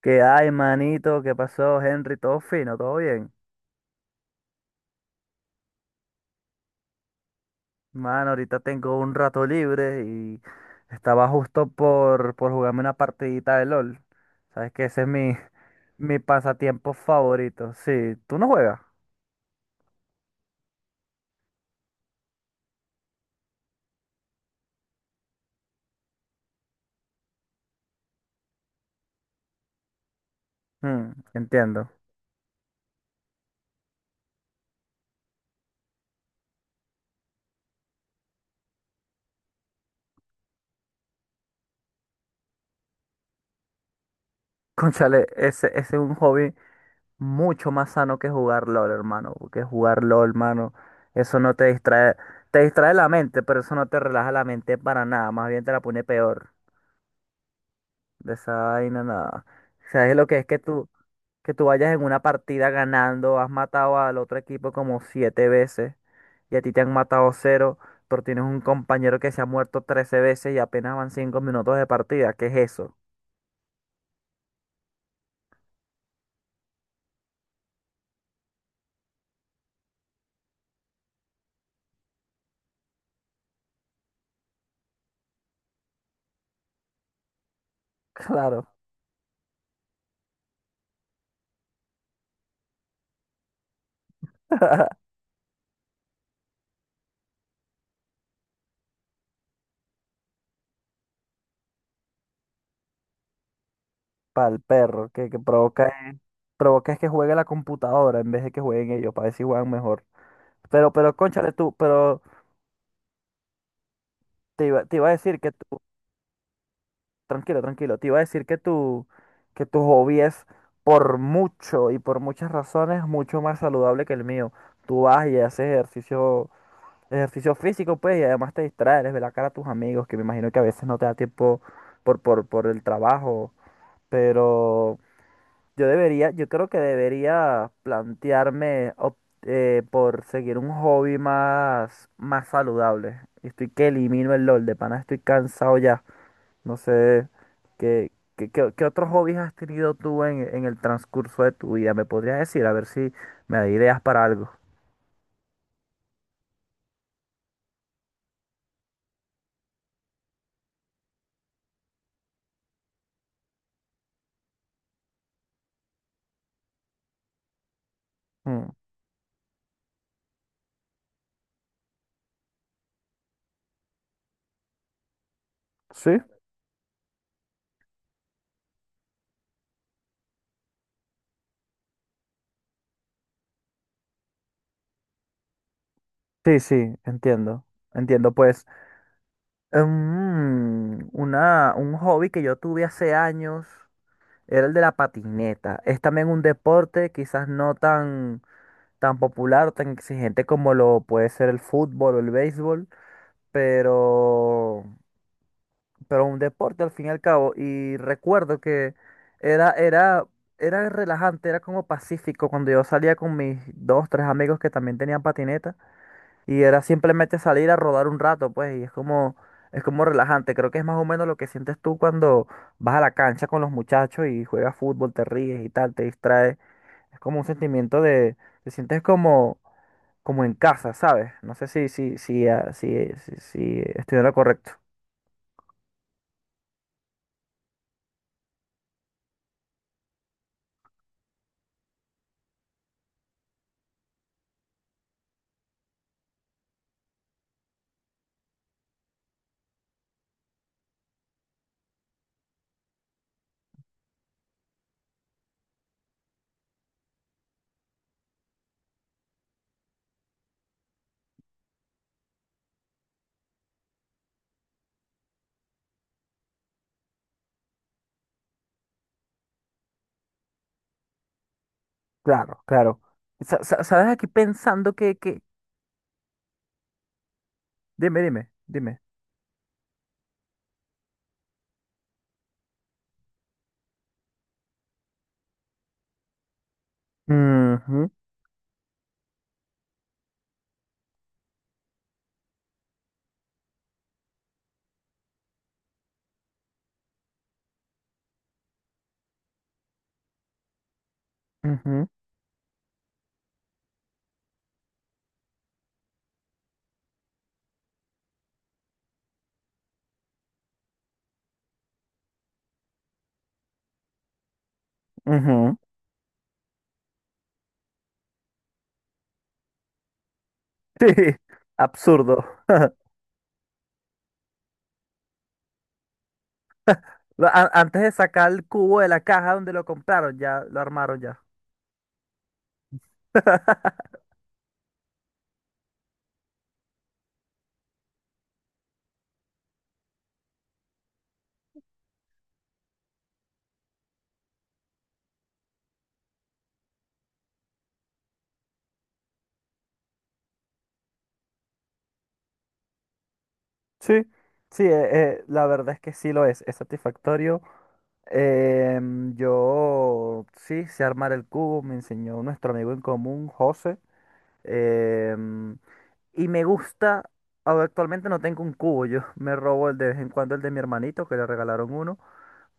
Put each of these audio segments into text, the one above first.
¿Qué hay, manito? ¿Qué pasó, Henry? ¿Todo fino? ¿Todo bien? Mano, ahorita tengo un rato libre y estaba justo por jugarme una partidita de LOL. ¿Sabes que mi pasatiempo favorito. Sí, ¿tú no juegas? Mm, entiendo. Cónchale, ese es un hobby mucho más sano que jugar LOL, hermano. Porque jugar LOL, hermano, eso no te distrae. Te distrae la mente, pero eso no te relaja la mente para nada. Más bien te la pone peor. De esa vaina, nada. ¿Sabes lo que es que que tú vayas en una partida ganando, has matado al otro equipo como siete veces y a ti te han matado cero, pero tienes un compañero que se ha muerto trece veces y apenas van cinco minutos de partida? ¿Qué es eso? Claro, para el perro, que provoca, provoca es que juegue la computadora en vez de que jueguen ellos, para ver si juegan mejor. Cónchale tú, pero te iba a decir que tú. Tranquilo, tranquilo. Te iba a decir que que tu hobby es por mucho y por muchas razones mucho más saludable que el mío. Tú vas y haces ejercicio, ejercicio físico, pues, y además te distraes, les ves la cara a tus amigos, que me imagino que a veces no te da tiempo por el trabajo. Pero yo creo que debería plantearme por seguir un hobby más saludable. Y estoy que elimino el LOL, de pana estoy cansado ya. No sé, ¿ qué otros hobbies has tenido tú en el transcurso de tu vida? ¿Me podrías decir? A ver si me da ideas para algo. Mm, sí, sí, sí, entiendo. Entiendo, pues. Un hobby que yo tuve hace años era el de la patineta. Es también un deporte quizás no tan popular, tan exigente como lo puede ser el fútbol o el béisbol, pero... pero un deporte al fin y al cabo. Y recuerdo que era, era, era relajante, era como pacífico cuando yo salía con mis dos, tres amigos que también tenían patineta. Y era simplemente salir a rodar un rato, pues, y es como relajante. Creo que es más o menos lo que sientes tú cuando vas a la cancha con los muchachos y juegas fútbol, te ríes y tal, te distraes. Es como un sentimiento de, te sientes como, como en casa, ¿sabes? No sé si estoy en lo correcto. Claro, claro. ¿Sabes? Aquí pensando que... Dime, dime, dime. Ujú, ujú, ujú. Sí, absurdo. Lo- a- Antes de sacar el cubo de la caja donde lo compraron, ya lo armaron ya. Sí, sí, la verdad es que sí lo es satisfactorio. Em, yo sí sé armar el cubo, me enseñó nuestro amigo en común, José. Em, y me gusta, ahora actualmente no tengo un cubo, yo me robo el de vez en cuando el de mi hermanito, que le regalaron uno,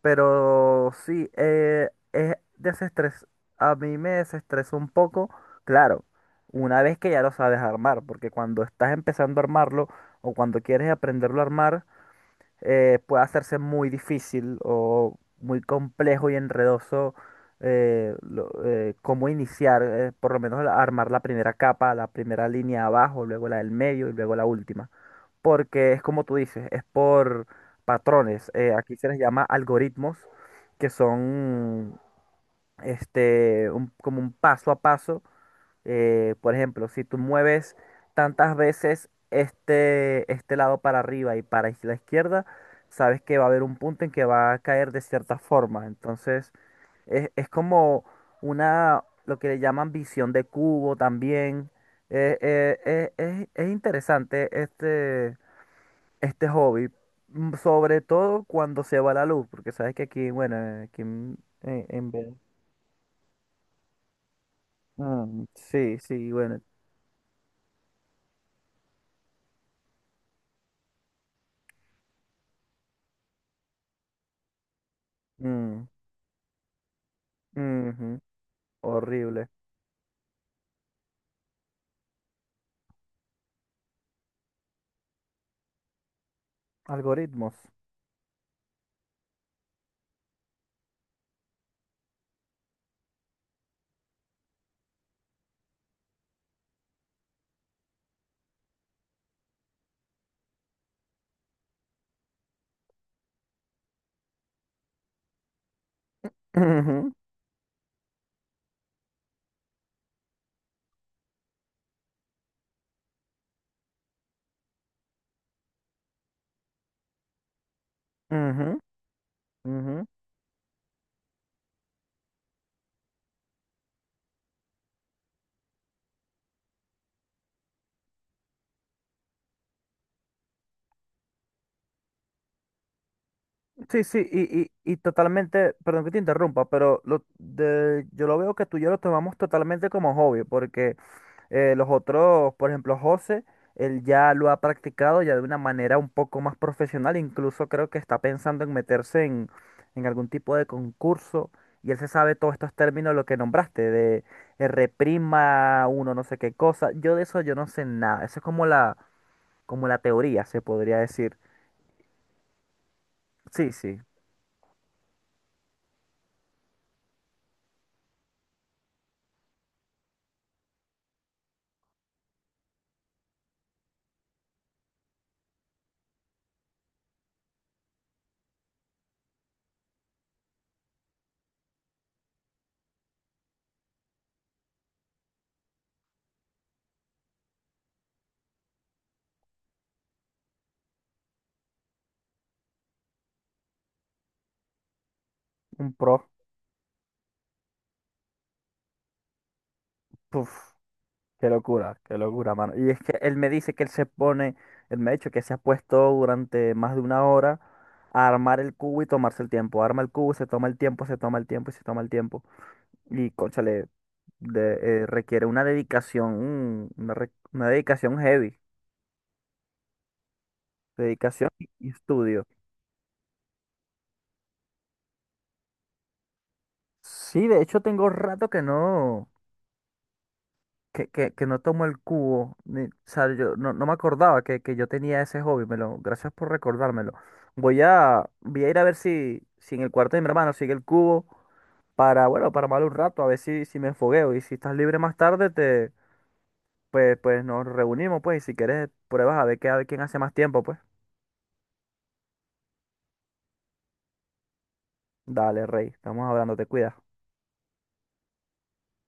pero sí, es desestrés, a mí me desestresó un poco, claro, una vez que ya lo sabes armar, porque cuando estás empezando a armarlo o cuando quieres aprenderlo a armar, puede hacerse muy difícil o muy complejo y enredoso cómo iniciar, por lo menos armar la primera capa, la primera línea abajo, luego la del medio y luego la última. Porque es como tú dices, es por patrones. Eh, aquí se les llama algoritmos, que son este, como un paso a paso, por ejemplo, si tú mueves tantas veces este lado para arriba y para la izquierda, sabes que va a haber un punto en que va a caer de cierta forma. Entonces, es como una, lo que le llaman visión de cubo también. Es interesante este hobby, mm, sobre todo cuando se va la luz, porque sabes que aquí, bueno, en Ve-. Mm, sí, sí, bueno. Mm, ujú. Horrible. Algoritmos. Ujú, ujú, ujú. Sí, sí, y totalmente, perdón que te interrumpa, pero lo de, yo lo veo que tú y yo lo tomamos totalmente como hobby, porque los otros, por ejemplo, José, él ya lo ha practicado ya de una manera un poco más profesional, incluso creo que está pensando en meterse en algún tipo de concurso, y él se sabe todos estos términos, lo que nombraste, de reprima uno, no sé qué cosa, yo de eso yo no sé nada, eso es como la teoría, se podría decir. Sí, sí, un pro. Puf, qué locura, mano. Y es que él me dice que él me ha dicho que se ha puesto durante más de una hora a armar el cubo y tomarse el tiempo. Arma el cubo, se toma el tiempo, se toma el tiempo y se toma el tiempo. Y, cónchale, requiere una dedicación, mm, una dedicación heavy, dedicación y estudio. Sí, de hecho tengo rato que no, que no tomo el cubo, ni- o sea, yo no, no me acordaba que yo tenía ese hobby, me lo, gracias por recordármelo. Voy a ir a ver si, si en el cuarto de mi hermano sigue el cubo para, bueno, para mal un rato, a ver si, si me fogueo. Y si estás libre más tarde, te, pues, pues nos reunimos, pues, y si quieres pruebas a ver qué, a ver quién hace más tiempo, pues. Dale, Rey, estamos hablando, te cuidas.